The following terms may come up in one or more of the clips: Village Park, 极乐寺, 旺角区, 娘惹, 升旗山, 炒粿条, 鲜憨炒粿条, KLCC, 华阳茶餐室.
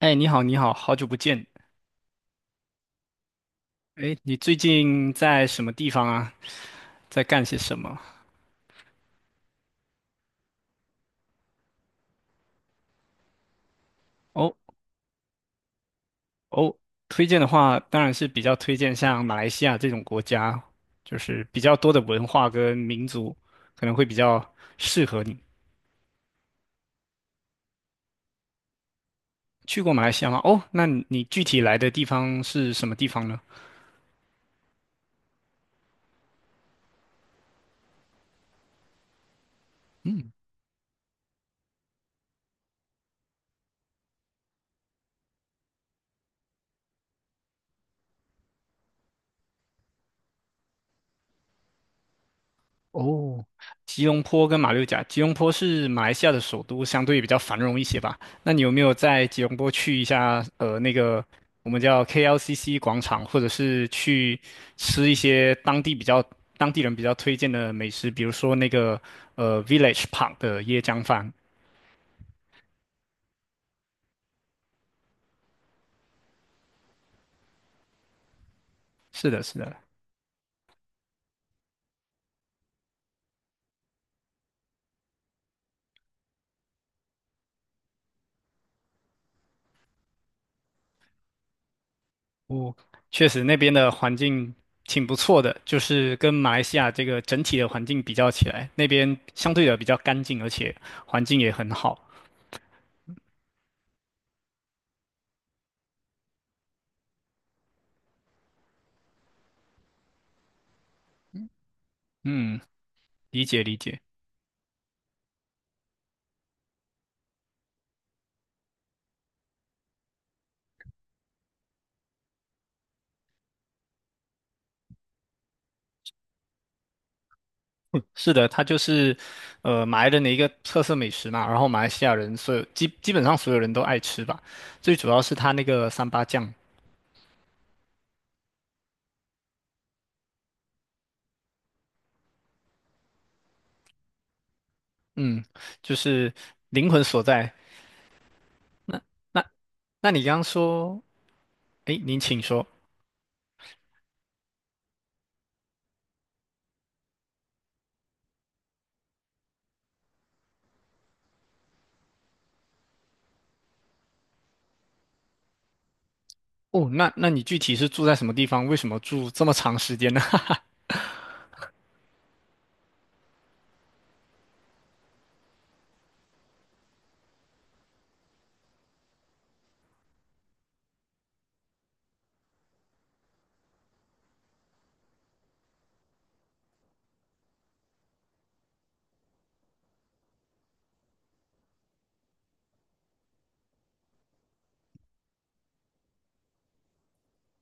哎，你好，你好，好久不见。哎，你最近在什么地方啊？在干些什么？哦哦，推荐的话，当然是比较推荐像马来西亚这种国家，就是比较多的文化跟民族，可能会比较适合你。去过马来西亚吗？哦，那你具体来的地方是什么地方呢？嗯，哦，吉隆坡跟马六甲，吉隆坡是马来西亚的首都，相对比较繁荣一些吧。那你有没有在吉隆坡去一下？那个我们叫 KLCC 广场，或者是去吃一些当地人比较推荐的美食，比如说那个Village Park 的椰浆饭。是的，是的。哦，确实那边的环境挺不错的，就是跟马来西亚这个整体的环境比较起来，那边相对的比较干净，而且环境也很好。嗯。理解理解。是的，它就是马来人的一个特色美食嘛，然后马来西亚人所有基基本上所有人都爱吃吧，最主要是它那个三八酱，嗯，就是灵魂所在。那那那你刚刚说，诶，您请说。哦，那那你具体是住在什么地方？为什么住这么长时间呢？哈哈。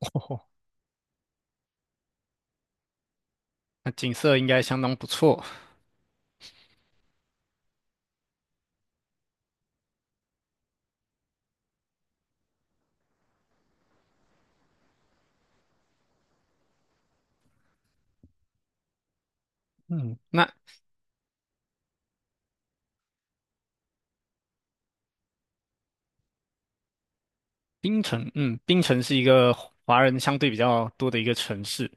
哦，那景色应该相当不错。嗯，那槟城，嗯，槟城是一个华人相对比较多的一个城市。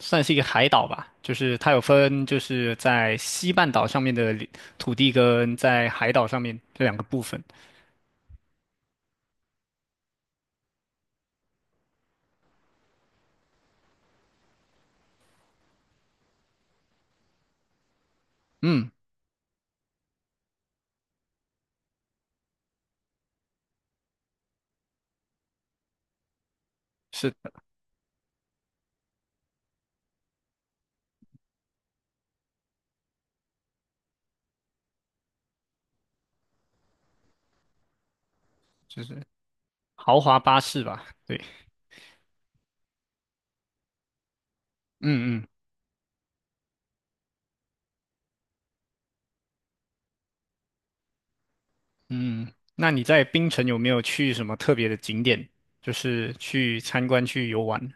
算是一个海岛吧，就是它有分，就是在西半岛上面的领土地跟在海岛上面这两个部分。嗯，是的，就是豪华巴士吧？对，嗯嗯。那你在槟城有没有去什么特别的景点，就是去参观去游玩？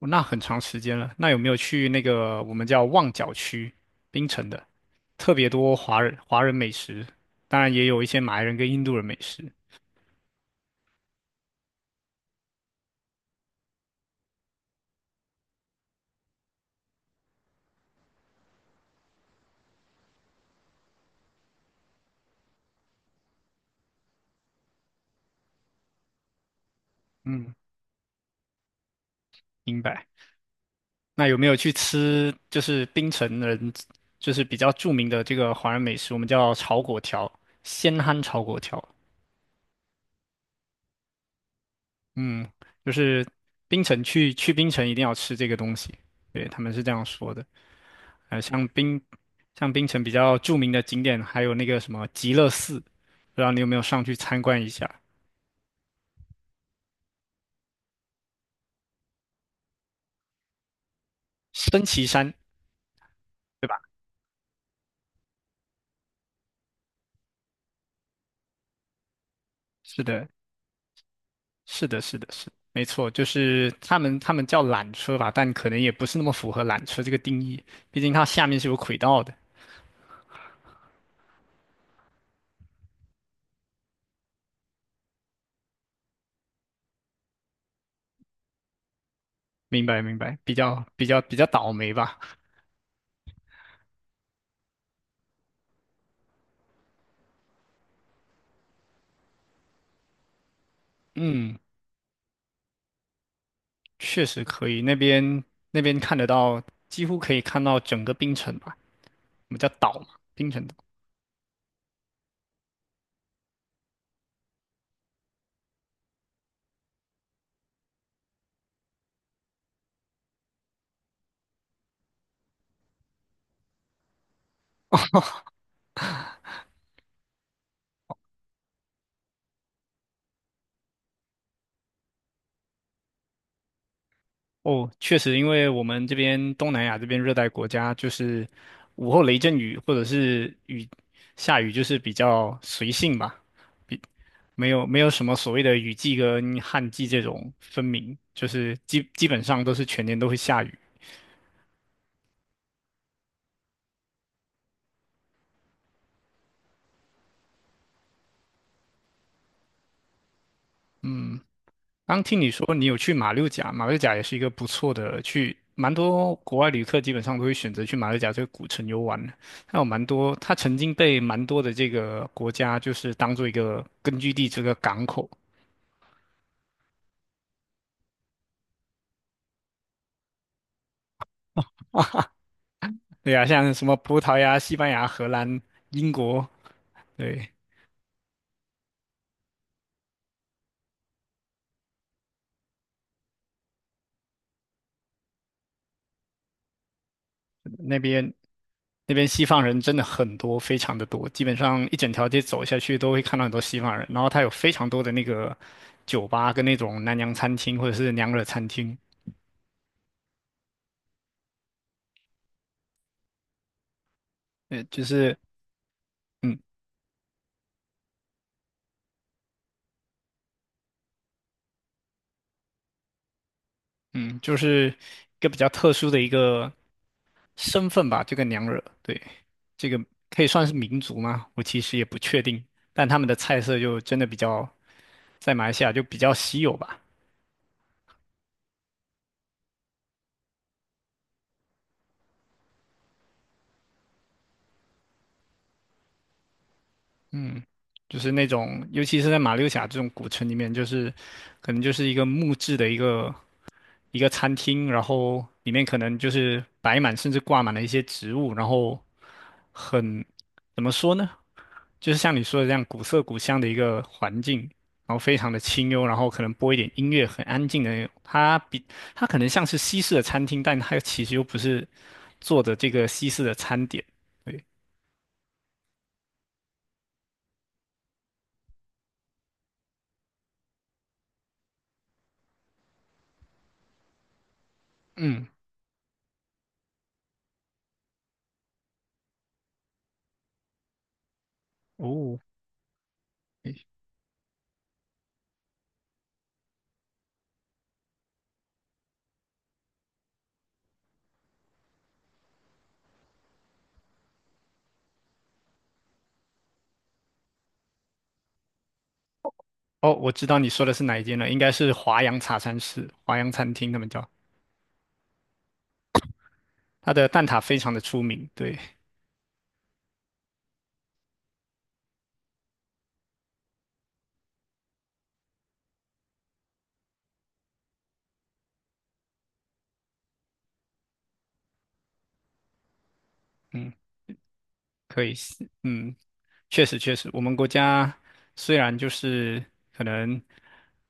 哦，那很长时间了。那有没有去那个我们叫旺角区，槟城的，特别多华人美食，当然也有一些马来人跟印度人美食。嗯，明白。那有没有去吃就是槟城人就是比较著名的这个华人美食，我们叫炒粿条，鲜憨炒粿条。嗯，就是槟城去槟城一定要吃这个东西，对，他们是这样说的。呃，像槟像槟城比较著名的景点还有那个什么极乐寺，不知道你有没有上去参观一下？升旗山，对吧？是的，是的没错，就是他们叫缆车吧，但可能也不是那么符合缆车这个定义，毕竟它下面是有轨道的。明白，明白，比较倒霉吧。嗯，确实可以，那边看得到，几乎可以看到整个冰城吧，我们叫岛嘛，冰城岛。哦，确实，因为我们这边东南亚这边热带国家，就是午后雷阵雨或者是雨下雨，就是比较随性吧。没有什么所谓的雨季跟旱季这种分明，就是基本上都是全年都会下雨。刚听你说你有去马六甲，马六甲也是一个不错的去，蛮多国外旅客基本上都会选择去马六甲这个古城游玩的。它有蛮多，它曾经被蛮多的这个国家就是当做一个根据地，这个港口啊。对啊，像什么葡萄牙、西班牙、荷兰、英国，对。那边那边西方人真的很多，非常的多，基本上一整条街走下去都会看到很多西方人。然后它有非常多的那个酒吧跟那种南洋餐厅或者是娘惹餐厅，呃，就是嗯嗯，就是一个比较特殊的一个身份吧。这个娘惹，对，这个可以算是民族吗？我其实也不确定，但他们的菜色就真的比较在马来西亚就比较稀有吧。嗯，就是那种，尤其是在马六甲这种古城里面，就是可能就是一个木质的一个餐厅，然后里面可能就是摆满甚至挂满了一些植物，然后很，怎么说呢？就是像你说的这样古色古香的一个环境，然后非常的清幽，然后可能播一点音乐，很安静的那种。它可能像是西式的餐厅，但它其实又不是做的这个西式的餐点。对，嗯，哦。哦，我知道你说的是哪一间了，应该是华阳茶餐室、华阳餐厅，他们叫它的蛋挞非常的出名。对，嗯，可以是嗯，确实，我们国家虽然就是可能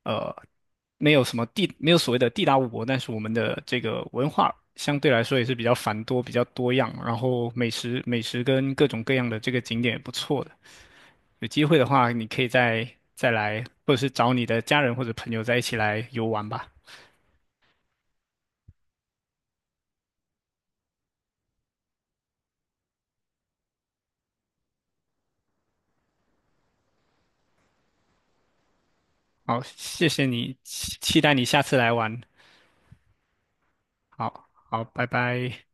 呃没有什么地，没有所谓的地大物博，但是我们的这个文化相对来说也是比较繁多、比较多样，然后美食跟各种各样的这个景点也不错的。有机会的话，你可以再来，或者是找你的家人或者朋友在一起来游玩吧。好，谢谢你，期待你下次来玩。好，好，拜拜。